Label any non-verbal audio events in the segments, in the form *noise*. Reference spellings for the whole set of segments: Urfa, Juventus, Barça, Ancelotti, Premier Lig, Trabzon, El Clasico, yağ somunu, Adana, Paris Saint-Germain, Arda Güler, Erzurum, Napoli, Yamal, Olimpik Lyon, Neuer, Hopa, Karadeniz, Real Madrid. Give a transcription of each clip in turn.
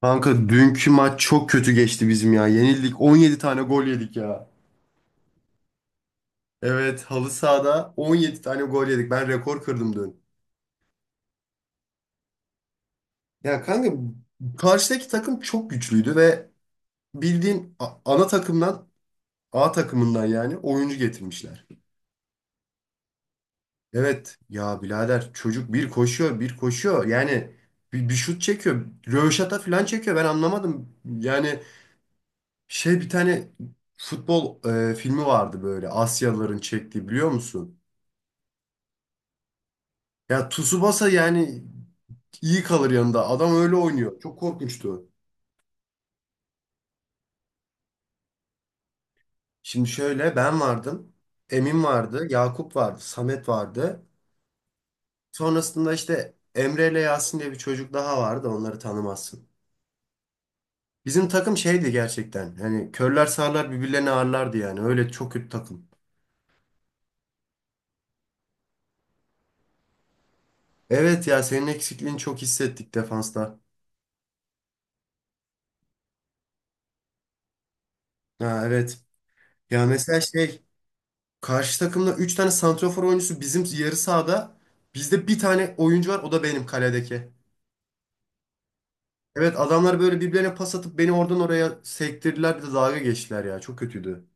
Kanka dünkü maç çok kötü geçti bizim ya. Yenildik. 17 tane gol yedik ya. Evet halı sahada 17 tane gol yedik. Ben rekor kırdım dün. Ya kanka karşıdaki takım çok güçlüydü ve bildiğin ana takımdan A takımından yani oyuncu getirmişler. Evet ya birader çocuk bir koşuyor bir koşuyor. Yani bir şut çekiyor. Röveşata falan çekiyor. Ben anlamadım. Yani şey bir tane futbol filmi vardı böyle Asyalıların çektiği biliyor musun? Ya Tsubasa yani iyi kalır yanında. Adam öyle oynuyor. Çok korkunçtu. Şimdi şöyle ben vardım. Emin vardı. Yakup vardı. Samet vardı. Sonrasında işte Emre ile Yasin diye bir çocuk daha vardı. Onları tanımazsın. Bizim takım şeydi gerçekten. Hani körler sağırlar birbirlerini ağırlardı yani. Öyle çok kötü takım. Evet ya senin eksikliğini çok hissettik defansta. Ha, evet. Ya mesela şey karşı takımda 3 tane santrafor oyuncusu bizim yarı sahada. Bizde bir tane oyuncu var, o da benim kaledeki. Evet, adamlar böyle birbirlerine pas atıp beni oradan oraya sektirdiler, bir de dalga geçtiler ya. Çok kötüydü.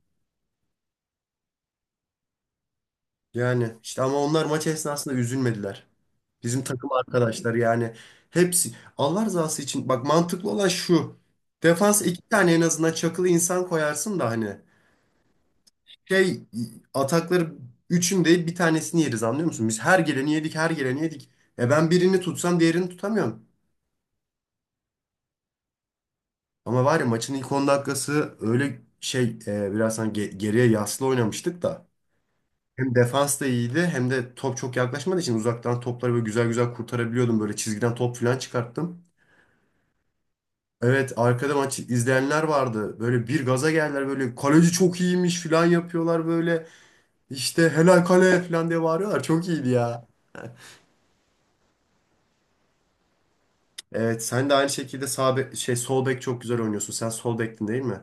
Yani işte ama onlar maç esnasında üzülmediler. Bizim takım arkadaşlar yani hepsi Allah rızası için, bak, mantıklı olan şu. Defans iki tane en azından çakılı insan koyarsın da hani şey atakları üçün değil bir tanesini yeriz, anlıyor musun? Biz her geleni yedik, her geleni yedik. E ben birini tutsam diğerini tutamıyorum. Ama var ya, maçın ilk 10 dakikası öyle şey biraz hani geriye yaslı oynamıştık da. Hem defans da iyiydi hem de top çok yaklaşmadığı için uzaktan topları böyle güzel güzel kurtarabiliyordum. Böyle çizgiden top falan çıkarttım. Evet, arkada maç izleyenler vardı. Böyle bir gaza geldiler, böyle kaleci çok iyiymiş falan yapıyorlar böyle. İşte helal kale falan diye bağırıyorlar. Çok iyiydi ya. Evet, sen de aynı şekilde şey sol bek çok güzel oynuyorsun. Sen sol bektin, değil mi?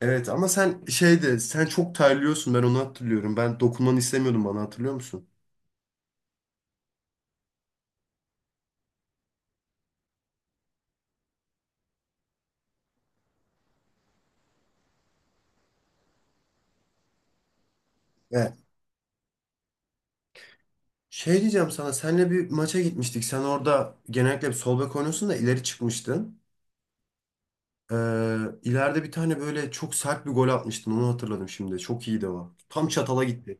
Evet ama sen şeydi, sen çok terliyorsun, ben onu hatırlıyorum. Ben dokunmanı istemiyordum bana, hatırlıyor musun? Şey diyeceğim sana, senle bir maça gitmiştik. Sen orada genellikle bir sol bek oynuyorsun da ileri çıkmıştın. Ee, ileride bir tane böyle çok sert bir gol atmıştın. Onu hatırladım şimdi. Çok iyiydi o. Tam çatala gitti.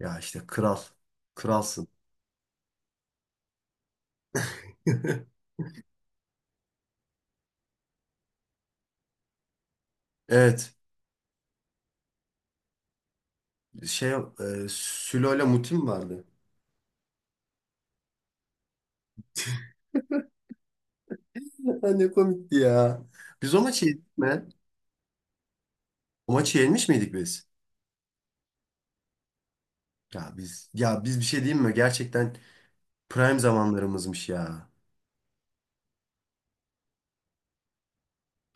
Ya işte kral. Kralsın. *laughs* Evet. Şey, Sülo ile Mutim vardı. *laughs* Ne komikti ya. Biz o maçı yedik mi? O maçı yenmiş miydik biz? Ya biz bir şey diyeyim mi? Gerçekten prime zamanlarımızmış ya.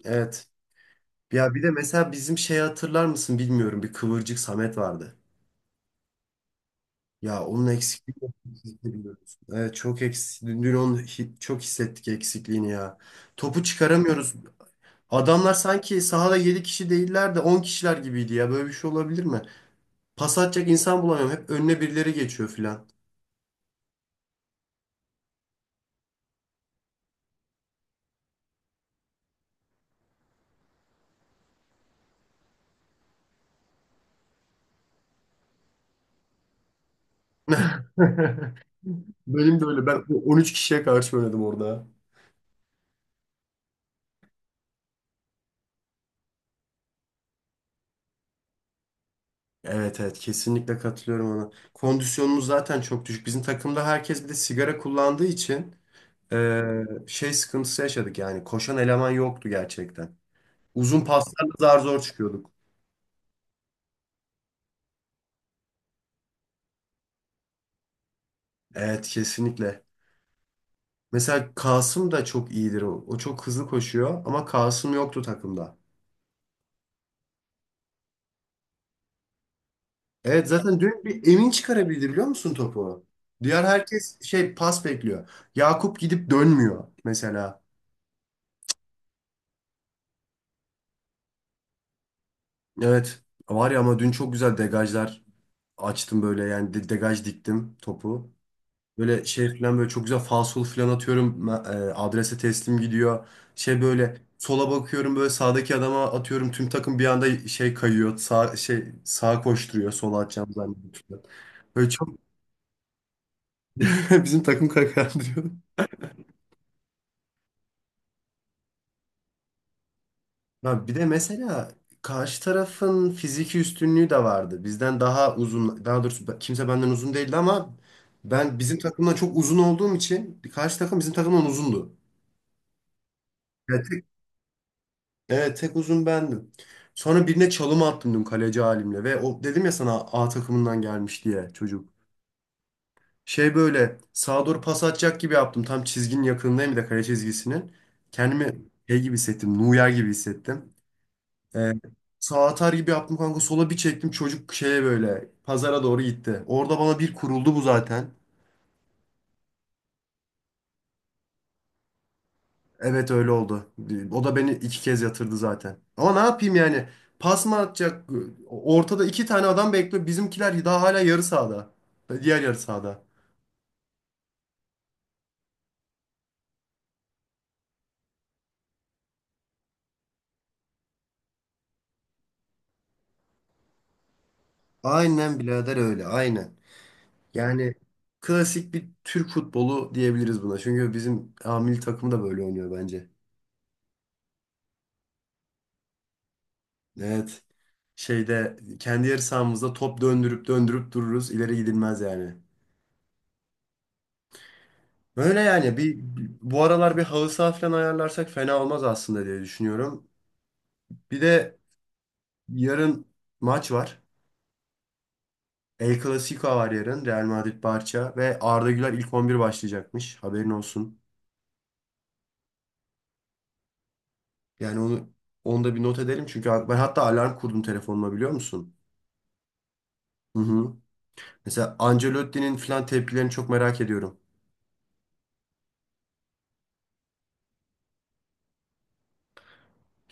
Evet. Ya bir de mesela bizim şeyi hatırlar mısın bilmiyorum. Bir kıvırcık Samet vardı. Ya onun eksikliğini çok hissediyoruz. Evet çok eksik. Dün, dün onu çok hissettik eksikliğini ya. Topu çıkaramıyoruz. Adamlar sanki sahada 7 kişi değiller de 10 kişiler gibiydi ya. Böyle bir şey olabilir mi? Pas atacak insan bulamıyorum. Hep önüne birileri geçiyor filan. Benim de öyle. Ben 13 kişiye karşı oynadım orada. Evet, evet, kesinlikle katılıyorum ona. Kondisyonumuz zaten çok düşük. Bizim takımda herkes bir de sigara kullandığı için şey sıkıntısı yaşadık yani, koşan eleman yoktu gerçekten. Uzun paslarla zar zor çıkıyorduk. Evet kesinlikle. Mesela Kasım da çok iyidir o. O çok hızlı koşuyor ama Kasım yoktu takımda. Evet, zaten dün bir Emin çıkarabildi biliyor musun topu? Diğer herkes şey pas bekliyor. Yakup gidip dönmüyor mesela. Evet, var ya, ama dün çok güzel degajlar açtım, böyle yani degaj diktim topu. Böyle şey falan, böyle çok güzel falsolu falan atıyorum. Adrese teslim gidiyor. Şey böyle sola bakıyorum, böyle sağdaki adama atıyorum. Tüm takım bir anda şey kayıyor. Sağ şey, sağa koşturuyor. Sola atacağım zannediyor. Böyle çok *laughs* bizim takım kakar diyor. Ya bir de mesela karşı tarafın fiziki üstünlüğü de vardı. Bizden daha uzun, daha doğrusu kimse benden uzun değildi ama ben bizim takımdan çok uzun olduğum için karşı takım bizim takımdan uzundu. Yani evet, tek uzun bendim. Sonra birine çalım attım dün, kaleci halimle, ve o dedim ya sana A takımından gelmiş diye çocuk. Şey böyle sağa doğru pas atacak gibi yaptım. Tam çizginin yakınındayım, bir de kale çizgisinin. Kendimi şey gibi hissettim. Neuer gibi hissettim. Ee, sağa atar gibi yaptım kanka, sola bir çektim, çocuk şeye böyle pazara doğru gitti. Orada bana bir kuruldu bu zaten. Evet, öyle oldu. O da beni iki kez yatırdı zaten. Ama ne yapayım yani? Pas mı atacak? Ortada iki tane adam bekliyor. Bizimkiler daha hala yarı sahada. Diğer yarı sahada. Aynen birader, öyle. Aynen. Yani klasik bir Türk futbolu diyebiliriz buna. Çünkü bizim A milli takım da böyle oynuyor bence. Evet. Şeyde kendi yarı sahamızda top döndürüp döndürüp dururuz. İleri gidilmez yani. Böyle yani bir, bu aralar bir halı saha falan ayarlarsak fena olmaz aslında diye düşünüyorum. Bir de yarın maç var. El Clasico var yarın. Real Madrid, Barça, ve Arda Güler ilk 11 başlayacakmış. Haberin olsun. Yani onu da bir not edelim, çünkü ben hatta alarm kurdum telefonuma, biliyor musun? Hı hı. Mesela Ancelotti'nin falan tepkilerini çok merak ediyorum.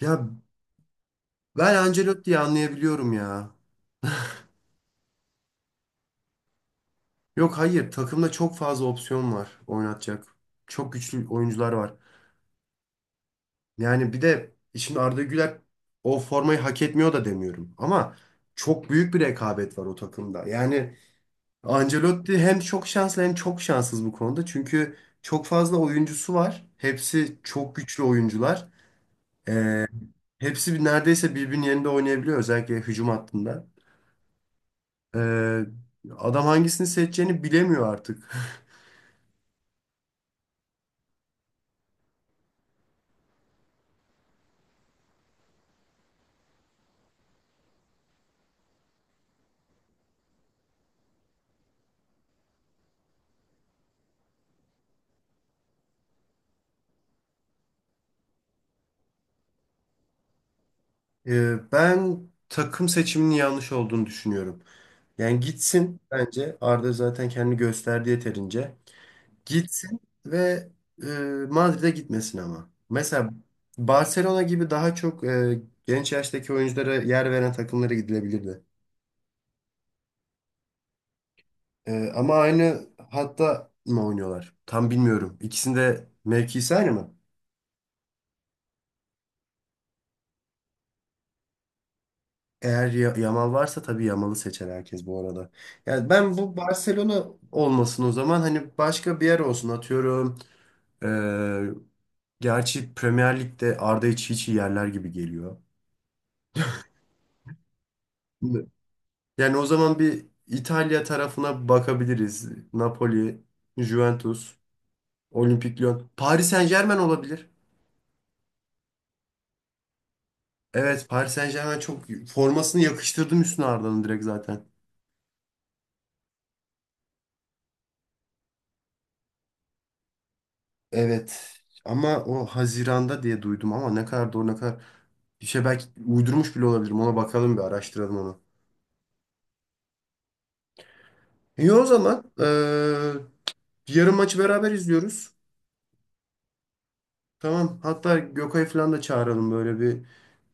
Ya ben Ancelotti'yi anlayabiliyorum ya. Yok hayır, takımda çok fazla opsiyon var oynatacak. Çok güçlü oyuncular var. Yani bir de şimdi Arda Güler o formayı hak etmiyor da demiyorum. Ama çok büyük bir rekabet var o takımda. Yani Ancelotti hem çok şanslı hem çok şanssız bu konuda. Çünkü çok fazla oyuncusu var. Hepsi çok güçlü oyuncular. Hepsi neredeyse birbirinin yerinde oynayabiliyor. Özellikle hücum hattında. Ee, adam hangisini seçeceğini bilemiyor artık. *laughs* Ben takım seçiminin yanlış olduğunu düşünüyorum. Yani gitsin bence. Arda zaten kendini gösterdi yeterince. Gitsin ve e, Madrid'e gitmesin ama. Mesela Barcelona gibi daha çok genç yaştaki oyunculara yer veren takımlara gidilebilirdi. Ama aynı hatta mı oynuyorlar? Tam bilmiyorum. İkisinde mevkisi aynı mı? Eğer Yamal varsa tabii Yamal'ı seçer herkes bu arada. Yani ben, bu Barcelona olmasın o zaman, hani başka bir yer olsun, atıyorum. E, gerçi Premier Lig'de Arda hiç hiç iyi yerler gibi geliyor. Yani o zaman bir İtalya tarafına bakabiliriz. Napoli, Juventus, Olimpik Lyon. Paris Saint-Germain olabilir. Evet, Paris Saint-Germain çok formasını yakıştırdım üstüne Arda'nın direkt zaten. Evet. Ama o Haziran'da diye duydum, ama ne kadar doğru ne kadar bir şey, belki uydurmuş bile olabilirim. Ona bakalım, bir araştıralım onu. İyi o zaman, yarın maçı beraber izliyoruz. Tamam. Hatta Gökay'ı falan da çağıralım, böyle bir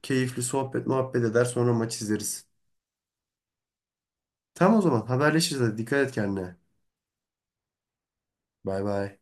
keyifli sohbet muhabbet eder sonra maç izleriz. Tamam, o zaman haberleşiriz. Hadi. Dikkat et kendine. Bay bay.